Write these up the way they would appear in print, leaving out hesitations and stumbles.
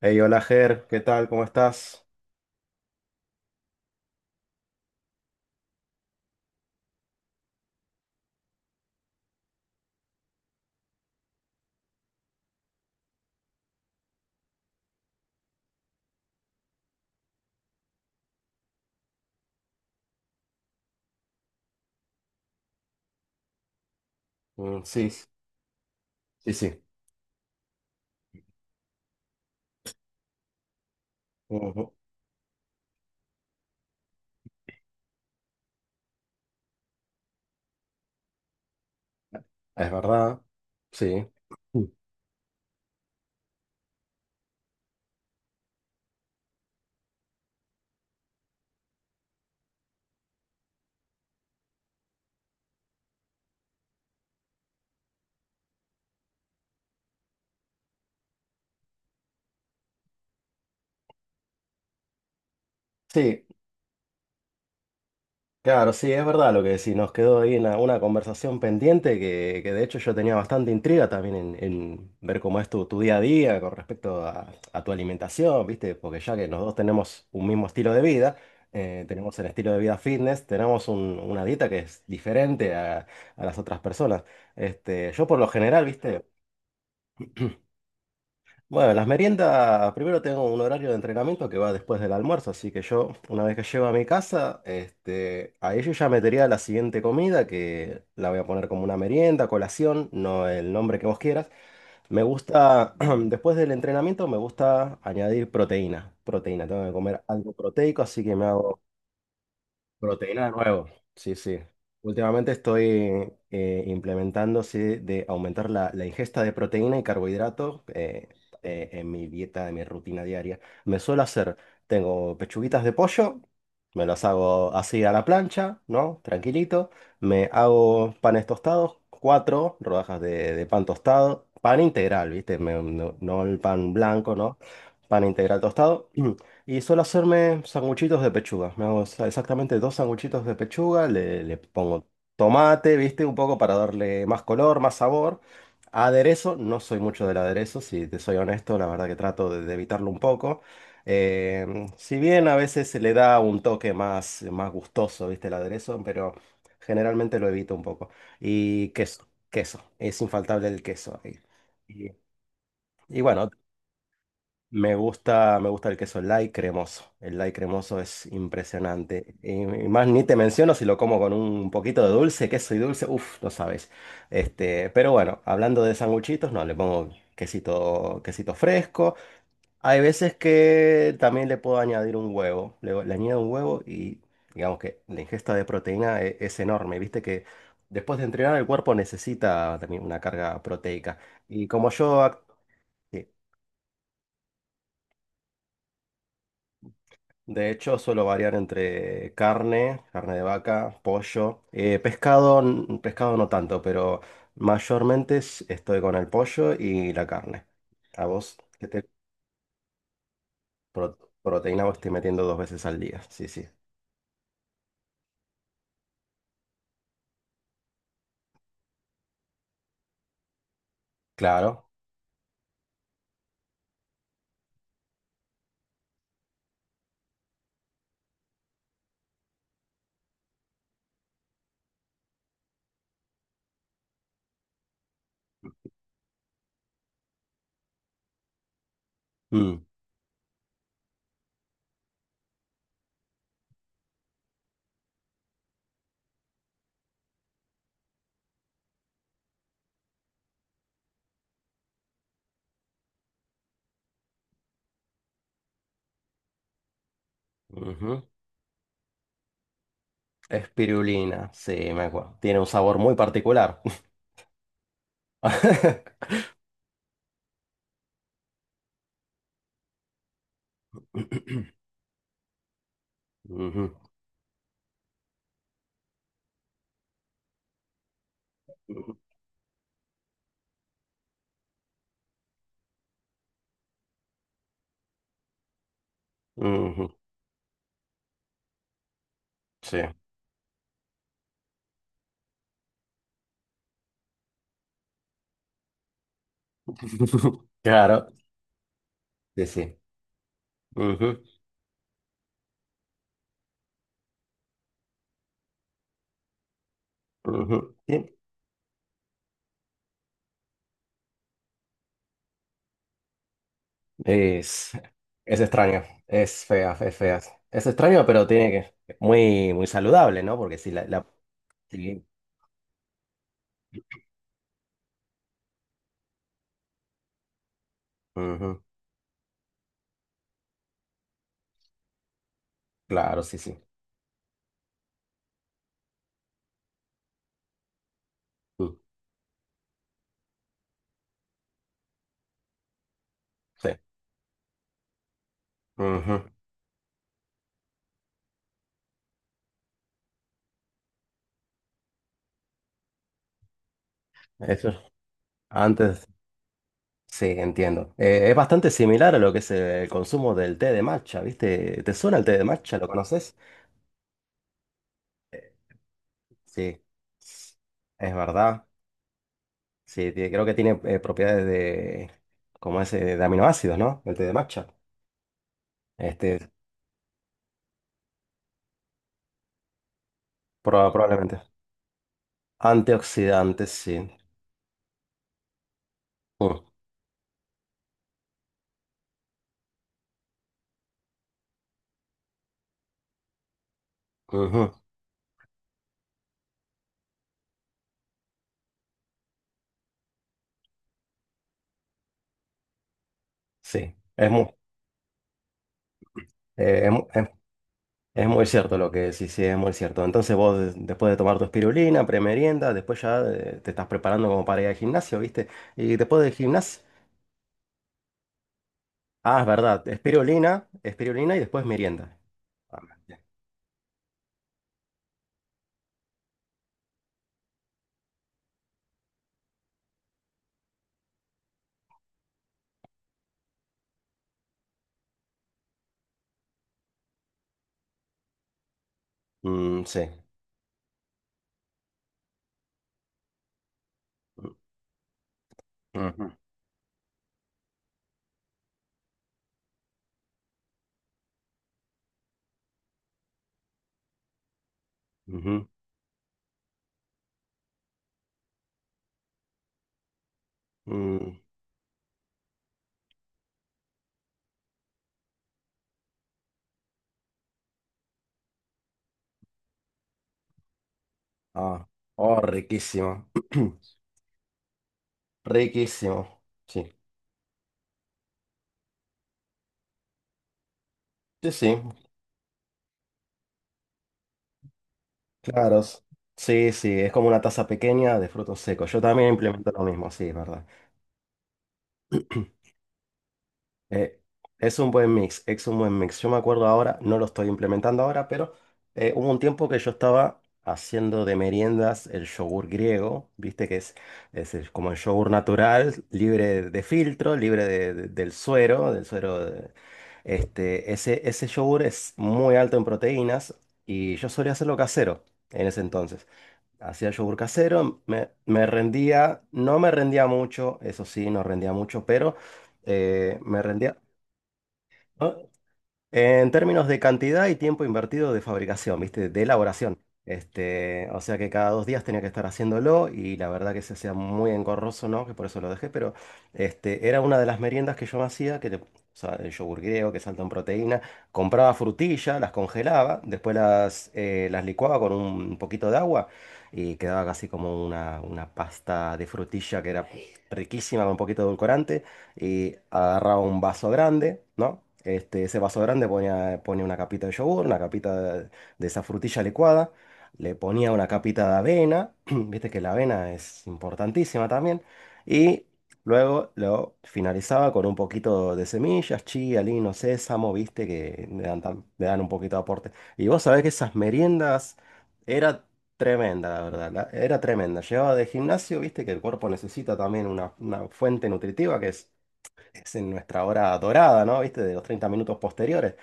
Hey, hola Ger, ¿qué tal? ¿Cómo estás? Mm, sí, sí, sí. Ujú. Es verdad. Sí. Mm. Sí, claro, sí, es verdad lo que decís. Nos quedó ahí una conversación pendiente que de hecho yo tenía bastante intriga también en ver cómo es tu día a día con respecto a tu alimentación, ¿viste? Porque ya que los dos tenemos un mismo estilo de vida, tenemos el estilo de vida fitness, tenemos una dieta que es diferente a las otras personas. Este, yo por lo general, ¿viste? Bueno, las meriendas, primero tengo un horario de entrenamiento que va después del almuerzo, así que yo, una vez que llego a mi casa, este, ahí yo ya metería la siguiente comida, que la voy a poner como una merienda, colación, no el nombre que vos quieras. Me gusta, después del entrenamiento, me gusta añadir proteína. Proteína, tengo que comer algo proteico, así que me hago. Proteína de nuevo, sí, sí. Últimamente estoy implementando, sí, de aumentar la ingesta de proteína y carbohidratos en mi dieta, en mi rutina diaria. Me suelo hacer, tengo pechuguitas de pollo, me las hago así a la plancha, ¿no? Tranquilito. Me hago panes tostados, cuatro rodajas de pan tostado, pan integral, ¿viste? No, no el pan blanco, ¿no? Pan integral tostado. Y suelo hacerme sanguchitos de pechuga. Me hago exactamente dos sanguchitos de pechuga. Le pongo tomate, ¿viste? Un poco para darle más color, más sabor. Aderezo, no soy mucho del aderezo, si te soy honesto, la verdad que trato de evitarlo un poco. Eh, si bien a veces se le da un toque más gustoso, ¿viste? El aderezo, pero generalmente lo evito un poco. Y queso, queso, es infaltable el queso ahí. Y, y bueno. Me gusta el queso light cremoso. El light cremoso es impresionante. Y más ni te menciono si lo como con un poquito de dulce, queso y dulce, uff, no sabes. Este, pero bueno, hablando de sanguchitos, no, le pongo quesito, quesito fresco. Hay veces que también le puedo añadir un huevo. Le añado un huevo y digamos que la ingesta de proteína es, enorme. Viste que después de entrenar el cuerpo necesita también una carga proteica. Y como yo. De hecho, suelo variar entre carne, carne de vaca, pollo, pescado, pescado no tanto, pero mayormente estoy con el pollo y la carne. ¿A vos qué te pro- proteína vos estoy metiendo 2 veces al día? Sí, sí. Claro. Mm, ujú. Espirulina, sí, me acuerdo. Tiene un sabor muy particular. Ujú, ujú, ujú. Sí. Claro. Sí, sí. Ujú, ujú. Sí. Es, es extraño, es fea, es fea. Es extraño, pero tiene que. Muy, muy saludable, ¿no? Porque si la. Sí, ujú, claro, sí, sí. Mm, sí. Ujú. Eso. Antes, sí, entiendo. Es bastante similar a lo que es el consumo del té de matcha, ¿viste? ¿Te suena el té de matcha? ¿Lo conoces? Sí. Es verdad. Sí, creo que tiene propiedades de. Como es de aminoácidos, ¿no? El té de matcha. Este, probablemente. Antioxidantes, sí. Mm, ujú. Sí, es muy, eh, es, mu- es- es muy cierto lo que decís, sí, es muy cierto. Entonces vos después de tomar tu espirulina, premerienda, después ya te estás preparando como para ir al gimnasio, ¿viste? Y después del gimnasio, ah, es verdad, espirulina, espirulina y después merienda. Ah, bien. Mm, sí. Ujú, ujú, mm, ah, oh, riquísimo. Riquísimo. Sí. Sí, sí. Claro, sí, sí, es como una taza pequeña de frutos secos. Yo también implemento lo mismo, sí, es verdad. Eh, es un buen mix, es un buen mix. Yo me acuerdo ahora, no lo estoy implementando ahora, pero hubo un tiempo que yo estaba haciendo de meriendas el yogur griego, viste que es como el yogur natural, libre de filtro, libre del suero, del suero. Este, ese yogur es muy alto en proteínas y yo solía hacerlo casero en ese entonces. Hacía yogur casero, me rendía, no me rendía mucho, eso sí, no rendía mucho, pero me rendía. ¿No? En términos de cantidad y tiempo invertido de fabricación, ¿viste? De elaboración. Este, o sea que cada 2 días tenía que estar haciéndolo y la verdad que se hacía muy engorroso, ¿no? Que por eso lo dejé, pero este, era una de las meriendas que yo me hacía, que o sea, el yogur griego, que salta en proteína, compraba frutillas, las congelaba, después las licuaba con un poquito de agua y quedaba casi como una pasta de frutilla que era riquísima con un poquito de edulcorante y agarraba un vaso grande, ¿no? Este, ese vaso grande ponía una capita de yogur, una capita de esa frutilla licuada, le ponía una capita de avena, viste que la avena es importantísima también, y luego lo finalizaba con un poquito de semillas, chía, lino, sésamo, viste que le dan, le dan un poquito de aporte. Y vos sabés que esas meriendas era tremenda, la verdad, era tremenda. Llevaba de gimnasio, viste que el cuerpo necesita también una fuente nutritiva que es en nuestra hora dorada, ¿no? ¿Viste? De los 30 minutos posteriores.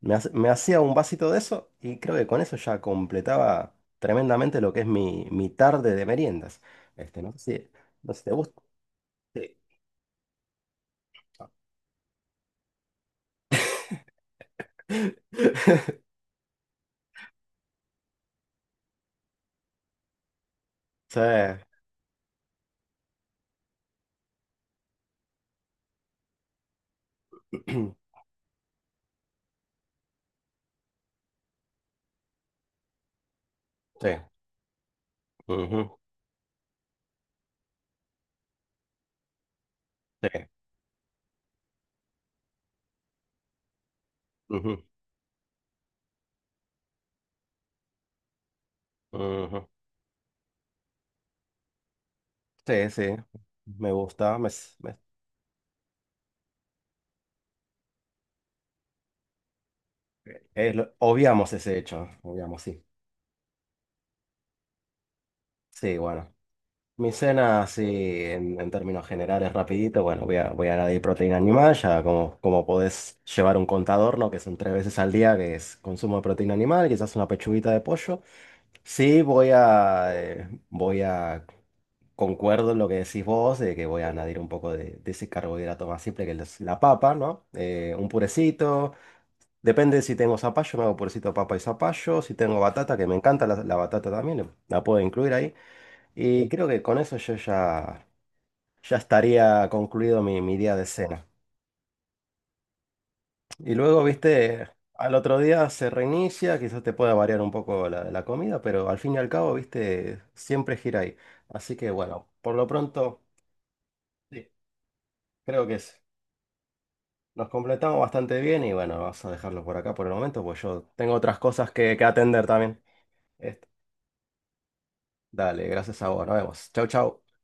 Me hacía un vasito de eso y creo que con eso ya completaba tremendamente lo que es mi tarde de meriendas. Este, si, no sé si te gusta. Sí. Sí. Sí. Ujú. Sí. Ujú. Ujú. Sí, sí. Me gusta. Me- es obviamos ese hecho. Obviamos, sí. Sí, bueno. Mi cena, así en términos generales, rapidito, bueno, voy a añadir proteína animal, ya como, como podés llevar un contador, ¿no? Que son 3 veces al día, que es consumo de proteína animal, quizás una pechuguita de pollo. Sí, concuerdo en lo que decís vos, de que voy a añadir un poco de ese carbohidrato más simple que es la papa, ¿no? Un purecito, depende si tengo zapallo, me hago purecito de papa y zapallo, si tengo batata, que me encanta la batata también, la puedo incluir ahí. Y creo que con eso yo ya estaría concluido mi día de cena. Y luego, viste, al otro día se reinicia, quizás te pueda variar un poco la comida, pero al fin y al cabo, viste, siempre gira ahí. Así que bueno, por lo pronto, sí, creo que nos completamos bastante bien y bueno, vamos a dejarlo por acá por el momento, pues yo tengo otras cosas que atender también. Este, dale, gracias a vos, nos vemos. Chau, chau.